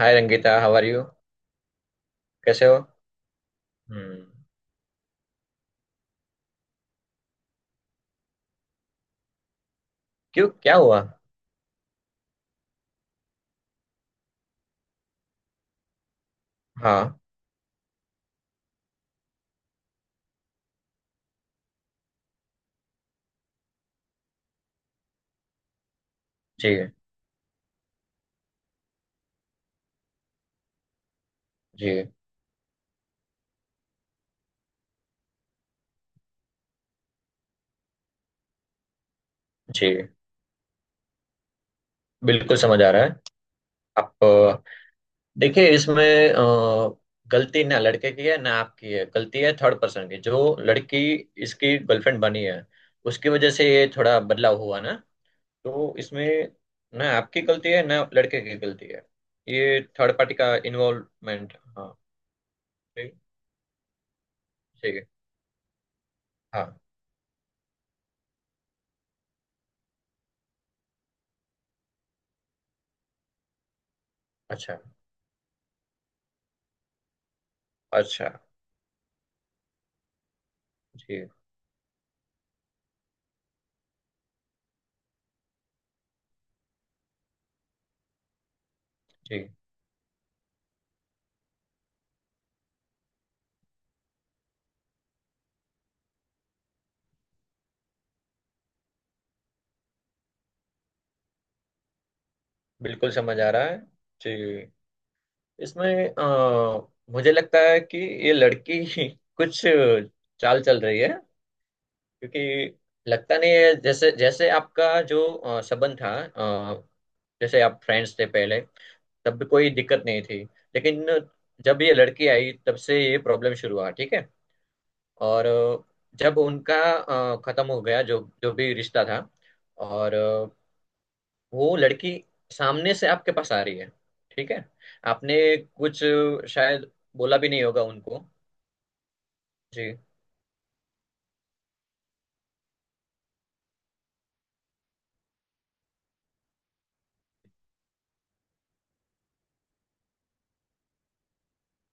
Hi Rangeeta, how are you? कैसे हो? हम्म। क्यों, क्या हुआ? हाँ। जी जी जी, बिल्कुल समझ आ रहा है। आप अ, देखिए इसमें अ, गलती ना लड़के की है ना आपकी है। गलती है थर्ड पर्सन की, जो लड़की इसकी गर्लफ्रेंड बनी है। उसकी वजह से ये थोड़ा बदलाव हुआ ना। तो इसमें ना आपकी गलती है ना लड़के की गलती है। ये थर्ड पार्टी का इन्वॉल्वमेंट। हाँ। ठीक, ठीक है। हाँ। अच्छा, अच्छा। जी जी, बिल्कुल समझ आ रहा है। जी, इसमें अ, मुझे लगता है कि ये लड़की ही कुछ चाल चल रही है। क्योंकि लगता नहीं है, जैसे जैसे आपका जो अ, संबंध था, अ, जैसे आप फ्रेंड्स थे पहले तब भी कोई दिक्कत नहीं थी। लेकिन जब ये लड़की आई तब से ये प्रॉब्लम शुरू हुआ, ठीक है। और अ, जब उनका अ, खत्म हो गया, जो जो भी रिश्ता था। और अ, वो लड़की सामने से आपके पास आ रही है, ठीक है। आपने कुछ शायद बोला भी नहीं होगा उनको। जी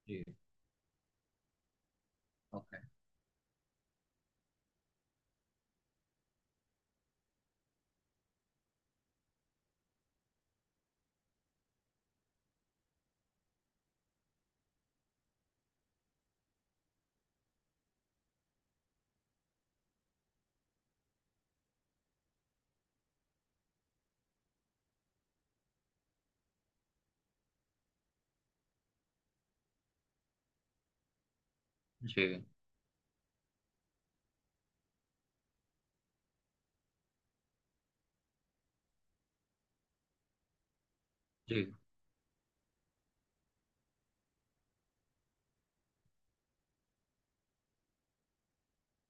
जी। ओके। जी जी।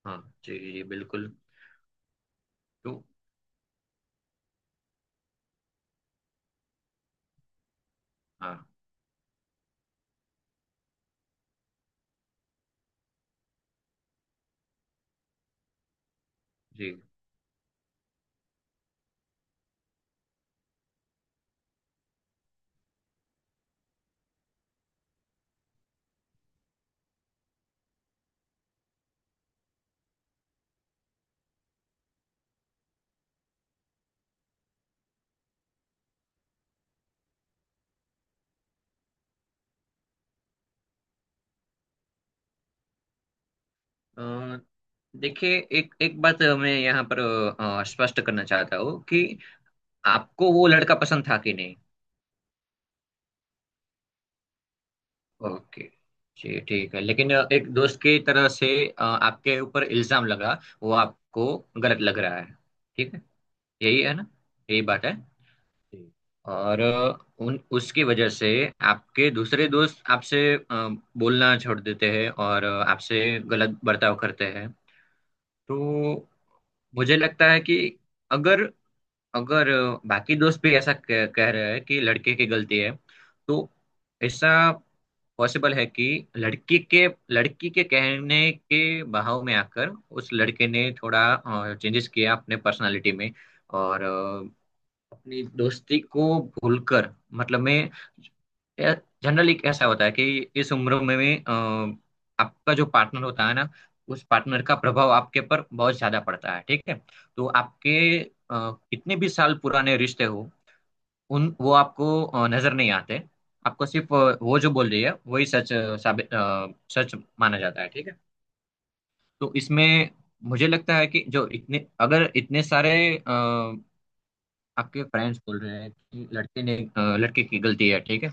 हाँ, जी जी जी, बिल्कुल। तो हाँ जी। अ, देखिए एक एक बात मैं यहाँ पर अ, स्पष्ट करना चाहता हूँ कि आपको वो लड़का पसंद था कि नहीं। ओके। जी, ठीक है। लेकिन अ, एक दोस्त की तरह से अ, आपके ऊपर इल्जाम लगा वो आपको गलत लग रहा है, ठीक है। यही है ना, यही बात है। जी। और उन उसकी वजह से आपके दूसरे दोस्त आपसे अ, बोलना छोड़ देते हैं और आपसे गलत बर्ताव करते हैं। तो मुझे लगता है कि अगर अगर बाकी दोस्त भी ऐसा कह, कह रहे हैं कि लड़के की गलती है। तो ऐसा पॉसिबल है कि लड़की के लड़की के कहने के बहाव में आकर उस लड़के ने थोड़ा चेंजेस किया अपने पर्सनालिटी में। और अपनी दोस्ती को भूलकर। मतलब मैं जनरली ऐसा होता है कि इस उम्र में भी अ, आपका जो पार्टनर होता है ना, उस पार्टनर का प्रभाव आपके पर बहुत ज्यादा पड़ता है, ठीक है। तो आपके अ, कितने भी साल पुराने रिश्ते हो, उन वो आपको अ, नजर नहीं आते। आपको सिर्फ अ, वो जो बोल रही है वही सच अ, साबित अ, सच माना जाता है, ठीक है। तो इसमें मुझे लगता है कि जो इतने अगर इतने सारे आपके फ्रेंड्स बोल रहे हैं कि लड़के ने अ, लड़के की गलती है, ठीक है।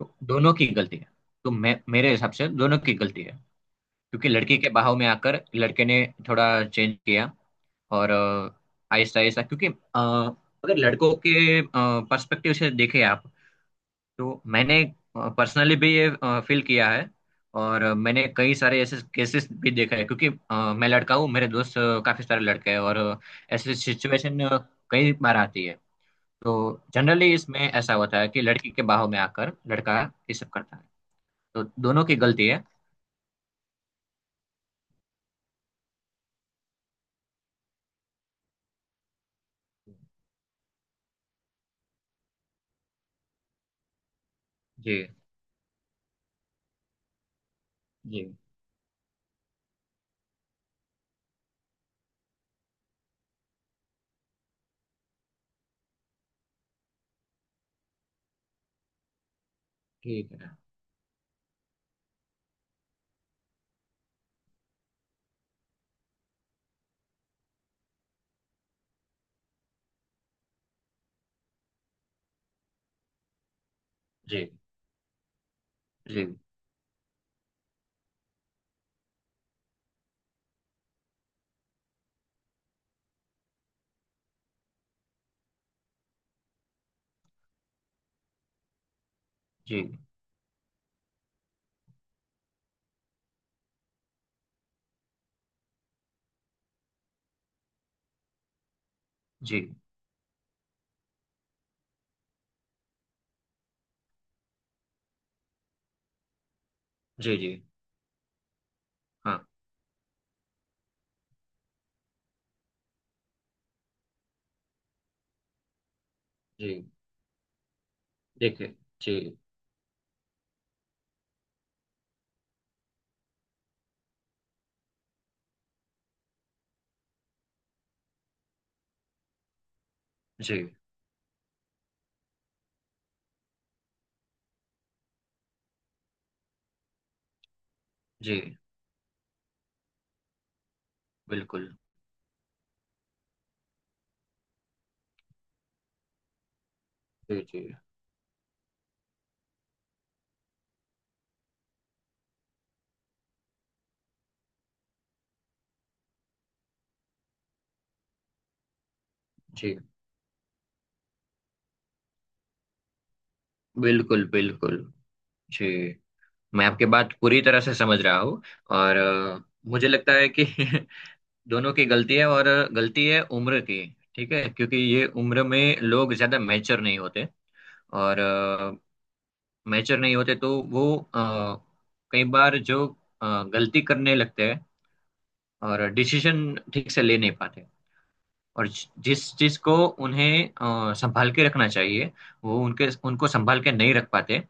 तो दोनों की गलती है। तो मैं मेरे हिसाब से दोनों की गलती है। क्योंकि लड़की के बहाव में आकर लड़के ने थोड़ा चेंज किया। और अ, आहिस्ता आहिस्ता क्योंकि अ, अगर लड़कों के पर्सपेक्टिव से देखें आप। तो मैंने पर्सनली भी ये फील किया है। और अ, मैंने कई सारे ऐसे केसेस भी देखा है क्योंकि अ, मैं लड़का हूँ, मेरे दोस्त अ, काफी सारे लड़के हैं। और अ, ऐसी सिचुएशन कई बार आती है। तो जनरली इसमें ऐसा होता है कि लड़की के बाहों में आकर लड़का ये सब करता है। तो दोनों की गलती है। जी जी, ठीक है। जी जी जी जी जी जी। हाँ, जी। देखिए। जी जी जी, बिल्कुल। जी जी जी, बिल्कुल बिल्कुल। जी, मैं आपकी बात पूरी तरह से समझ रहा हूँ। और अ, मुझे लगता है कि दोनों की गलती है, और गलती है उम्र की। ठीक है, क्योंकि ये उम्र में लोग ज्यादा मैच्योर नहीं होते। और मैच्योर नहीं होते तो वो अ, कई बार जो अ, गलती करने लगते हैं। और डिसीजन ठीक से ले नहीं पाते। और जि- जिस चीज को उन्हें अ, संभाल के रखना चाहिए, वो उनके उनको संभाल के नहीं रख पाते।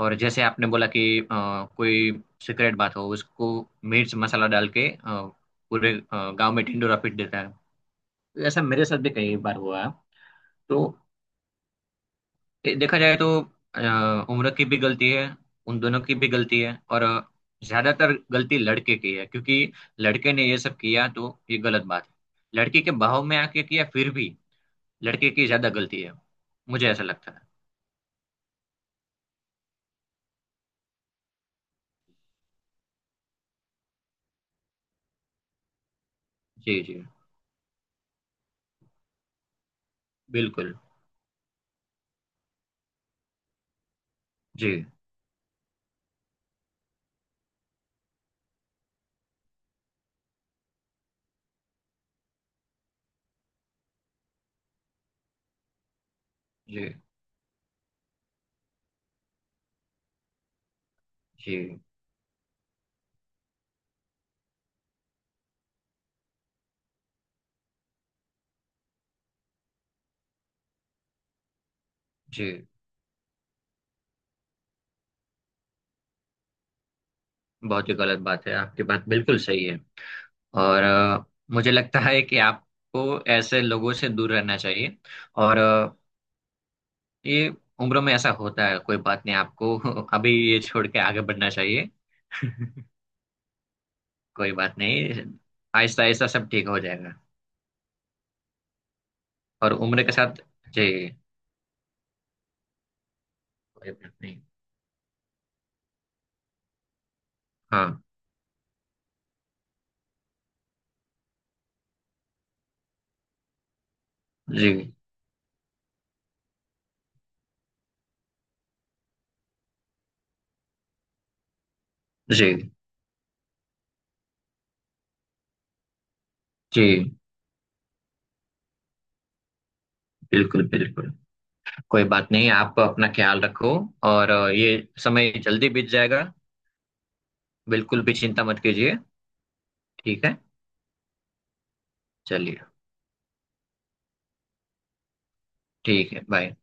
और जैसे आपने बोला कि अ, कोई सीक्रेट बात हो, उसको मिर्च मसाला डाल के अ, पूरे अ, गांव में ढिंडोरा पीट देता है। तो ऐसा मेरे साथ भी कई बार हुआ है। तो दे- देखा जाए तो अ, उम्र की भी गलती है, उन दोनों की भी गलती है। और अ, ज्यादातर गलती लड़के की है, क्योंकि लड़के ने ये सब किया तो ये गलत बात है। लड़की के बहाव में आके किया फिर भी लड़के की ज्यादा गलती है, मुझे ऐसा लगता है। जी जी, बिल्कुल। जी जी जी जी, बहुत ही गलत बात है, आपकी बात बिल्कुल सही है। और अ, मुझे लगता है कि आपको ऐसे लोगों से दूर रहना चाहिए। और ये उम्र में ऐसा होता है, कोई बात नहीं, आपको अभी ये छोड़ के आगे बढ़ना चाहिए। कोई बात नहीं, आहिस्ता आहिस्ता सब ठीक हो जाएगा। और उम्र के साथ। जी। कोई बात नहीं। हाँ। जी जी जी, बिल्कुल बिल्कुल। कोई बात नहीं, आप अपना ख्याल रखो। और ये समय जल्दी बीत जाएगा। बिल्कुल भी चिंता मत कीजिए, ठीक है। चलिए। ठीक है, बाय।